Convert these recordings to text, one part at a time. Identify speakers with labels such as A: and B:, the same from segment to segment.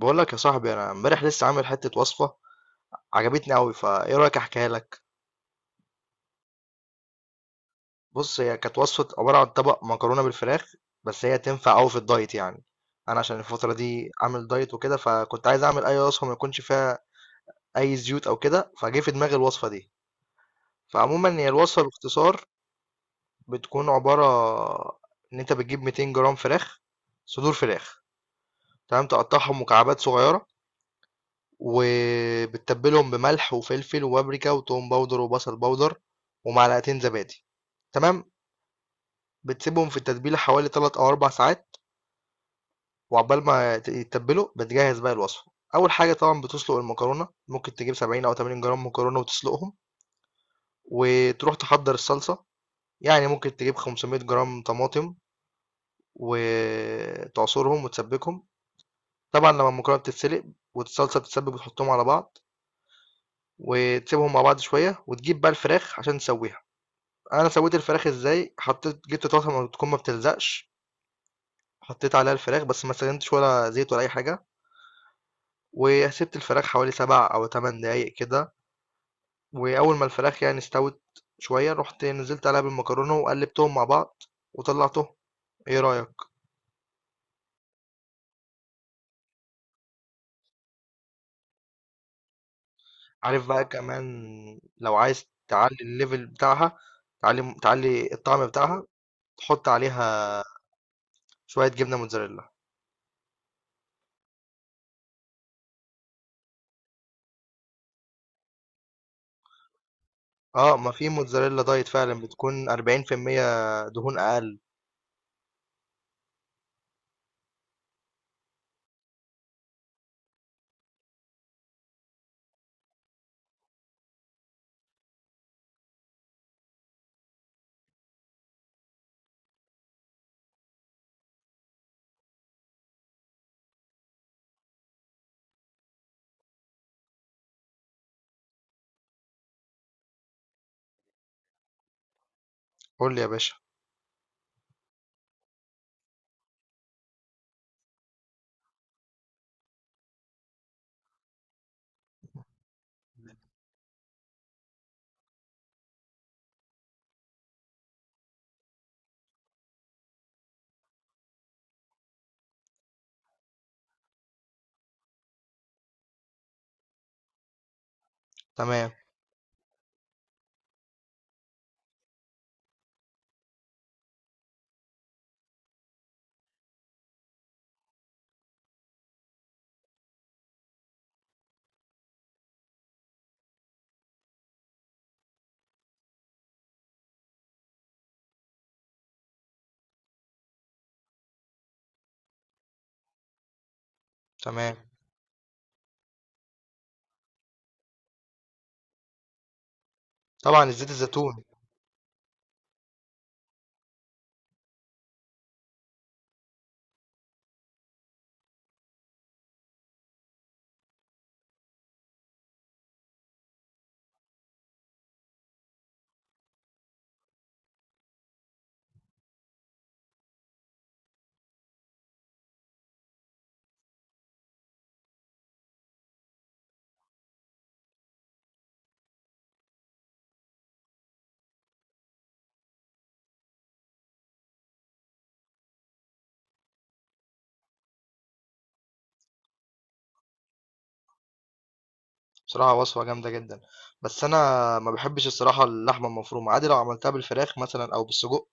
A: بقول لك يا صاحبي، انا امبارح لسه عامل حته وصفه عجبتني قوي. فايه رايك احكيها لك؟ بص، هي كانت وصفه عباره عن طبق مكرونه بالفراخ، بس هي تنفع قوي في الدايت يعني. انا عشان الفتره دي عامل دايت وكده، فكنت عايز اعمل اي وصفه ما يكونش فيها اي زيوت او كده، فجه في دماغي الوصفه دي. فعموما هي الوصفه باختصار بتكون عباره ان انت بتجيب 200 جرام فراخ، صدور فراخ، تمام. تقطعهم مكعبات صغيره، وبتتبلهم بملح وفلفل وبابريكا وتوم باودر وبصل باودر ومعلقتين زبادي، تمام. بتسيبهم في التتبيله حوالي 3 او 4 ساعات، وعقبال ما يتبلوا بتجهز بقى الوصفه. اول حاجه طبعا بتسلق المكرونه، ممكن تجيب 70 او 80 جرام مكرونه وتسلقهم، وتروح تحضر الصلصه. يعني ممكن تجيب 500 جرام طماطم وتعصرهم وتسبكهم. طبعا لما المكرونه بتتسلق والصلصه بتتسبك، بتحطهم على بعض وتسيبهم مع بعض شويه، وتجيب بقى الفراخ عشان تسويها. انا سويت الفراخ ازاي؟ حطيت، جبت طاسه ما تكون ما بتلزقش، حطيت عليها الفراخ بس ما استخدمتش ولا زيت ولا اي حاجه، وسبت الفراخ حوالي سبع او تمن دقايق كده. واول ما الفراخ يعني استوت شويه، رحت نزلت عليها بالمكرونه وقلبتهم مع بعض وطلعتهم. ايه رايك؟ عارف بقى كمان، لو عايز تعلي الليفل بتاعها، تعلي الطعم بتاعها، تحط عليها شويه جبنه موتزاريلا. اه، ما في موتزاريلا دايت فعلا، بتكون 40% دهون اقل. قول لي يا باشا. تمام. تمام، طبعا زيت الزيتون. بصراحة وصفة جامدة جدا، بس أنا ما بحبش الصراحة اللحمة المفرومة. عادي لو عملتها بالفراخ مثلا أو بالسجق.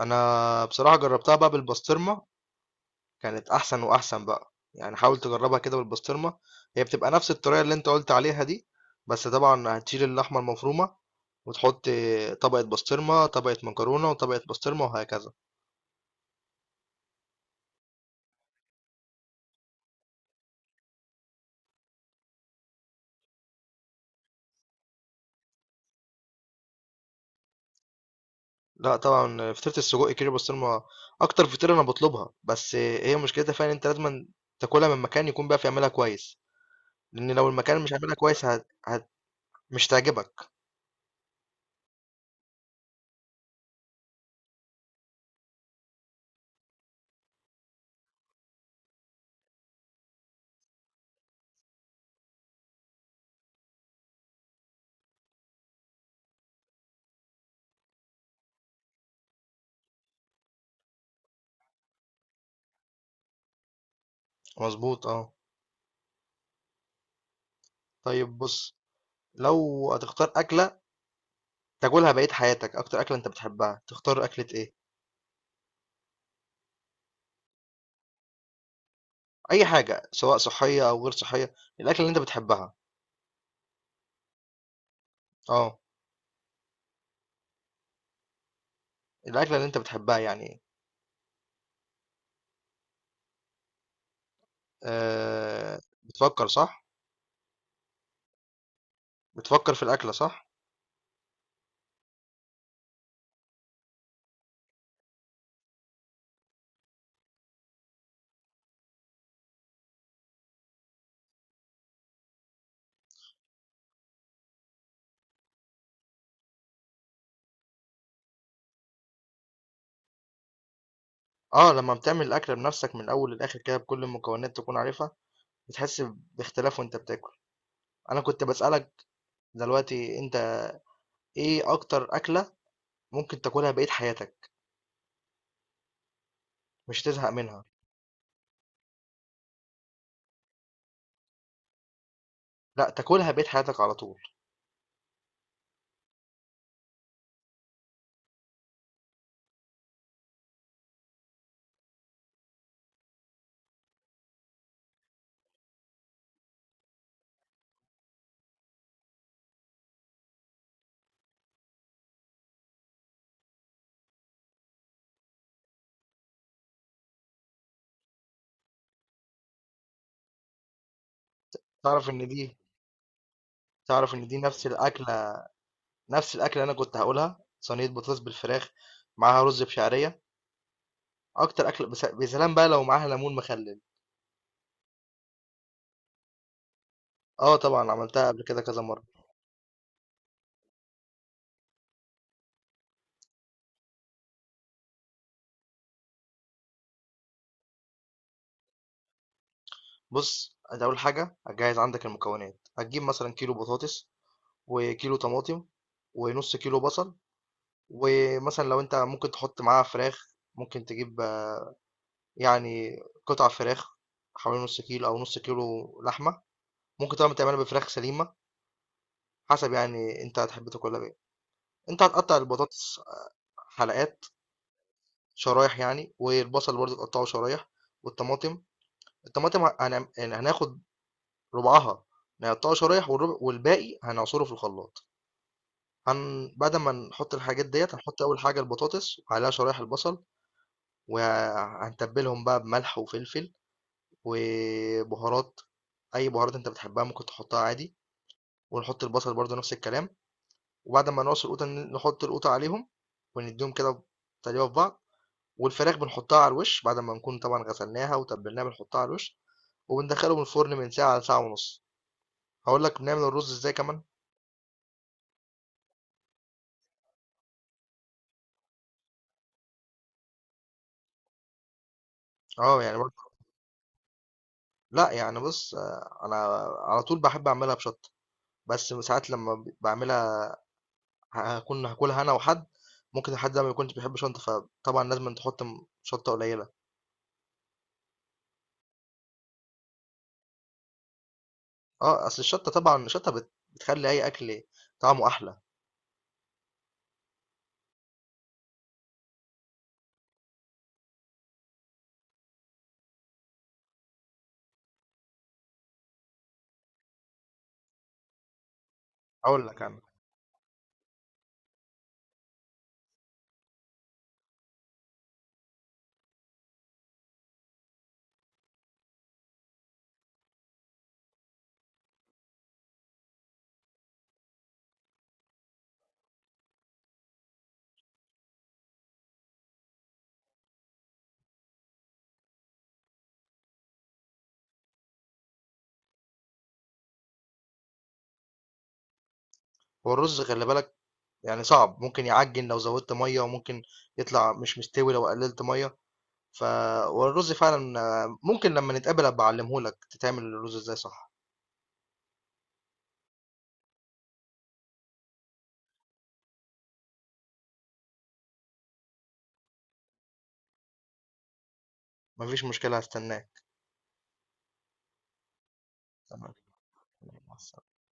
A: أنا بصراحة جربتها بقى بالبسطرمة، كانت أحسن وأحسن بقى، يعني حاول تجربها كده بالبسطرمة. هي بتبقى نفس الطريقة اللي أنت قلت عليها دي، بس طبعا هتشيل اللحمة المفرومة وتحط طبقة بسطرمة، طبقة مكرونة، وطبقة بسطرمة، وهكذا. لا طبعا، فطيرة السجق كيري بسطرمة اكتر فطيرة انا بطلبها، بس هي مشكلتها فعلا انت لازم تاكلها من مكان يكون بقى بيعملها كويس، لان لو المكان مش عاملها كويس مش تعجبك. مظبوط اه. طيب بص، لو هتختار اكلة تاكلها بقية حياتك، اكتر اكلة انت بتحبها، تختار اكلة ايه؟ اي حاجة، سواء صحية او غير صحية، الاكلة اللي انت بتحبها. اه، الاكلة اللي انت بتحبها يعني. بتفكر صح؟ بتفكر في الاكلة صح؟ آه، لمّا بتعمل الأكلة بنَفْسك من الأول للآخِر كده بكل المكونات تكون عارفها، بتحس باختلاف وأنت بتاكل. أنا كنت باسألك دلوقتي، أنت إيه أكتر أكلة ممكن تاكلها بقية حياتك مش تزهق منها؟ لأ، تاكلها بقية حياتك على طول. تعرف إن دي تعرف إن دي نَفْس الأكلة اللي أنا كنت هاقولها، صينية بطاطس بالفراخ معاها رُز بشعرية، أكتر أكلة. بس يا سلام بقى لو معاها ليمون مخلِّل. آه طبعًا، عملتها قبل كده كذا مرّة. بُص، أنت أول حاجة هتجهّز عندك المكونات، هتجيب مثلًا كيلو بطاطس وكيلو طماطم ونص كيلو بصل، ومثلا لو انت ممكن تحط معاها فراخ، ممكن تجيب آه، يعني قطع فراخ حوالي نص كيلو، او نص كيلو لحمه. ممكن طبعا تعملها بفراخ سليمه، حسب يعني انت هتحب تاكلها بايه. انت هتقطع البطاطس آه، حلقات، شرايح يعني، والبصل برضه تقطعه شرايح، والطماطم، الطماطم هناخد ربعها نقطعه شرايح، والربع والباقي هنعصره في الخلاط. بعد ما نحط الحاجات ديت، هنحط اول حاجه البطاطس وعليها شرايح البصل، وهنتبلهم بقى بملح وفلفل وبهارات، اي بهارات انت بتحبها ممكن تحطها عادي، ونحط البصل برضو نفس الكلام. وبعد ما نقص القوطه نحط القوطه عليهم، ونديهم كده تقليبه في بعض، والفراخ بنحطها على الوش بعد ما نكون طبعا غسلناها وتبلناها، بنحطها على الوش وبندخلهم الفرن من ساعه لساعه ونص. هقول لك بنعمل الرز ازاي كمان. اه يعني برضو، لا يعني بص آه، انا على طول بحب اعملها بشطه، بس ساعات لما بعملها هاكون هاكلها أنا وحد، ممكن الحد ده ما يكونش بيحب شطة، فطبعًا لازمًا تحط م شطة قليلة. آه، أصل الشطة، طبعًا الشطة بتخلّي أي أكل طعمه أحلى. هاقول لك أنا، هو الرز خلّي بالك يعني صعب، ممكن يعجِّن لو زوّدت مَيّة، وممكن يطلع مش مستوي لو قلّلت مَيّة، ف والرز فعلًا آه، ممكن لمّا نتقابل أبقى أعلّمه لك تتعمل الرز إزاي صح. ما فيش مشكلة، هاستناك. تمام، مع السلامة.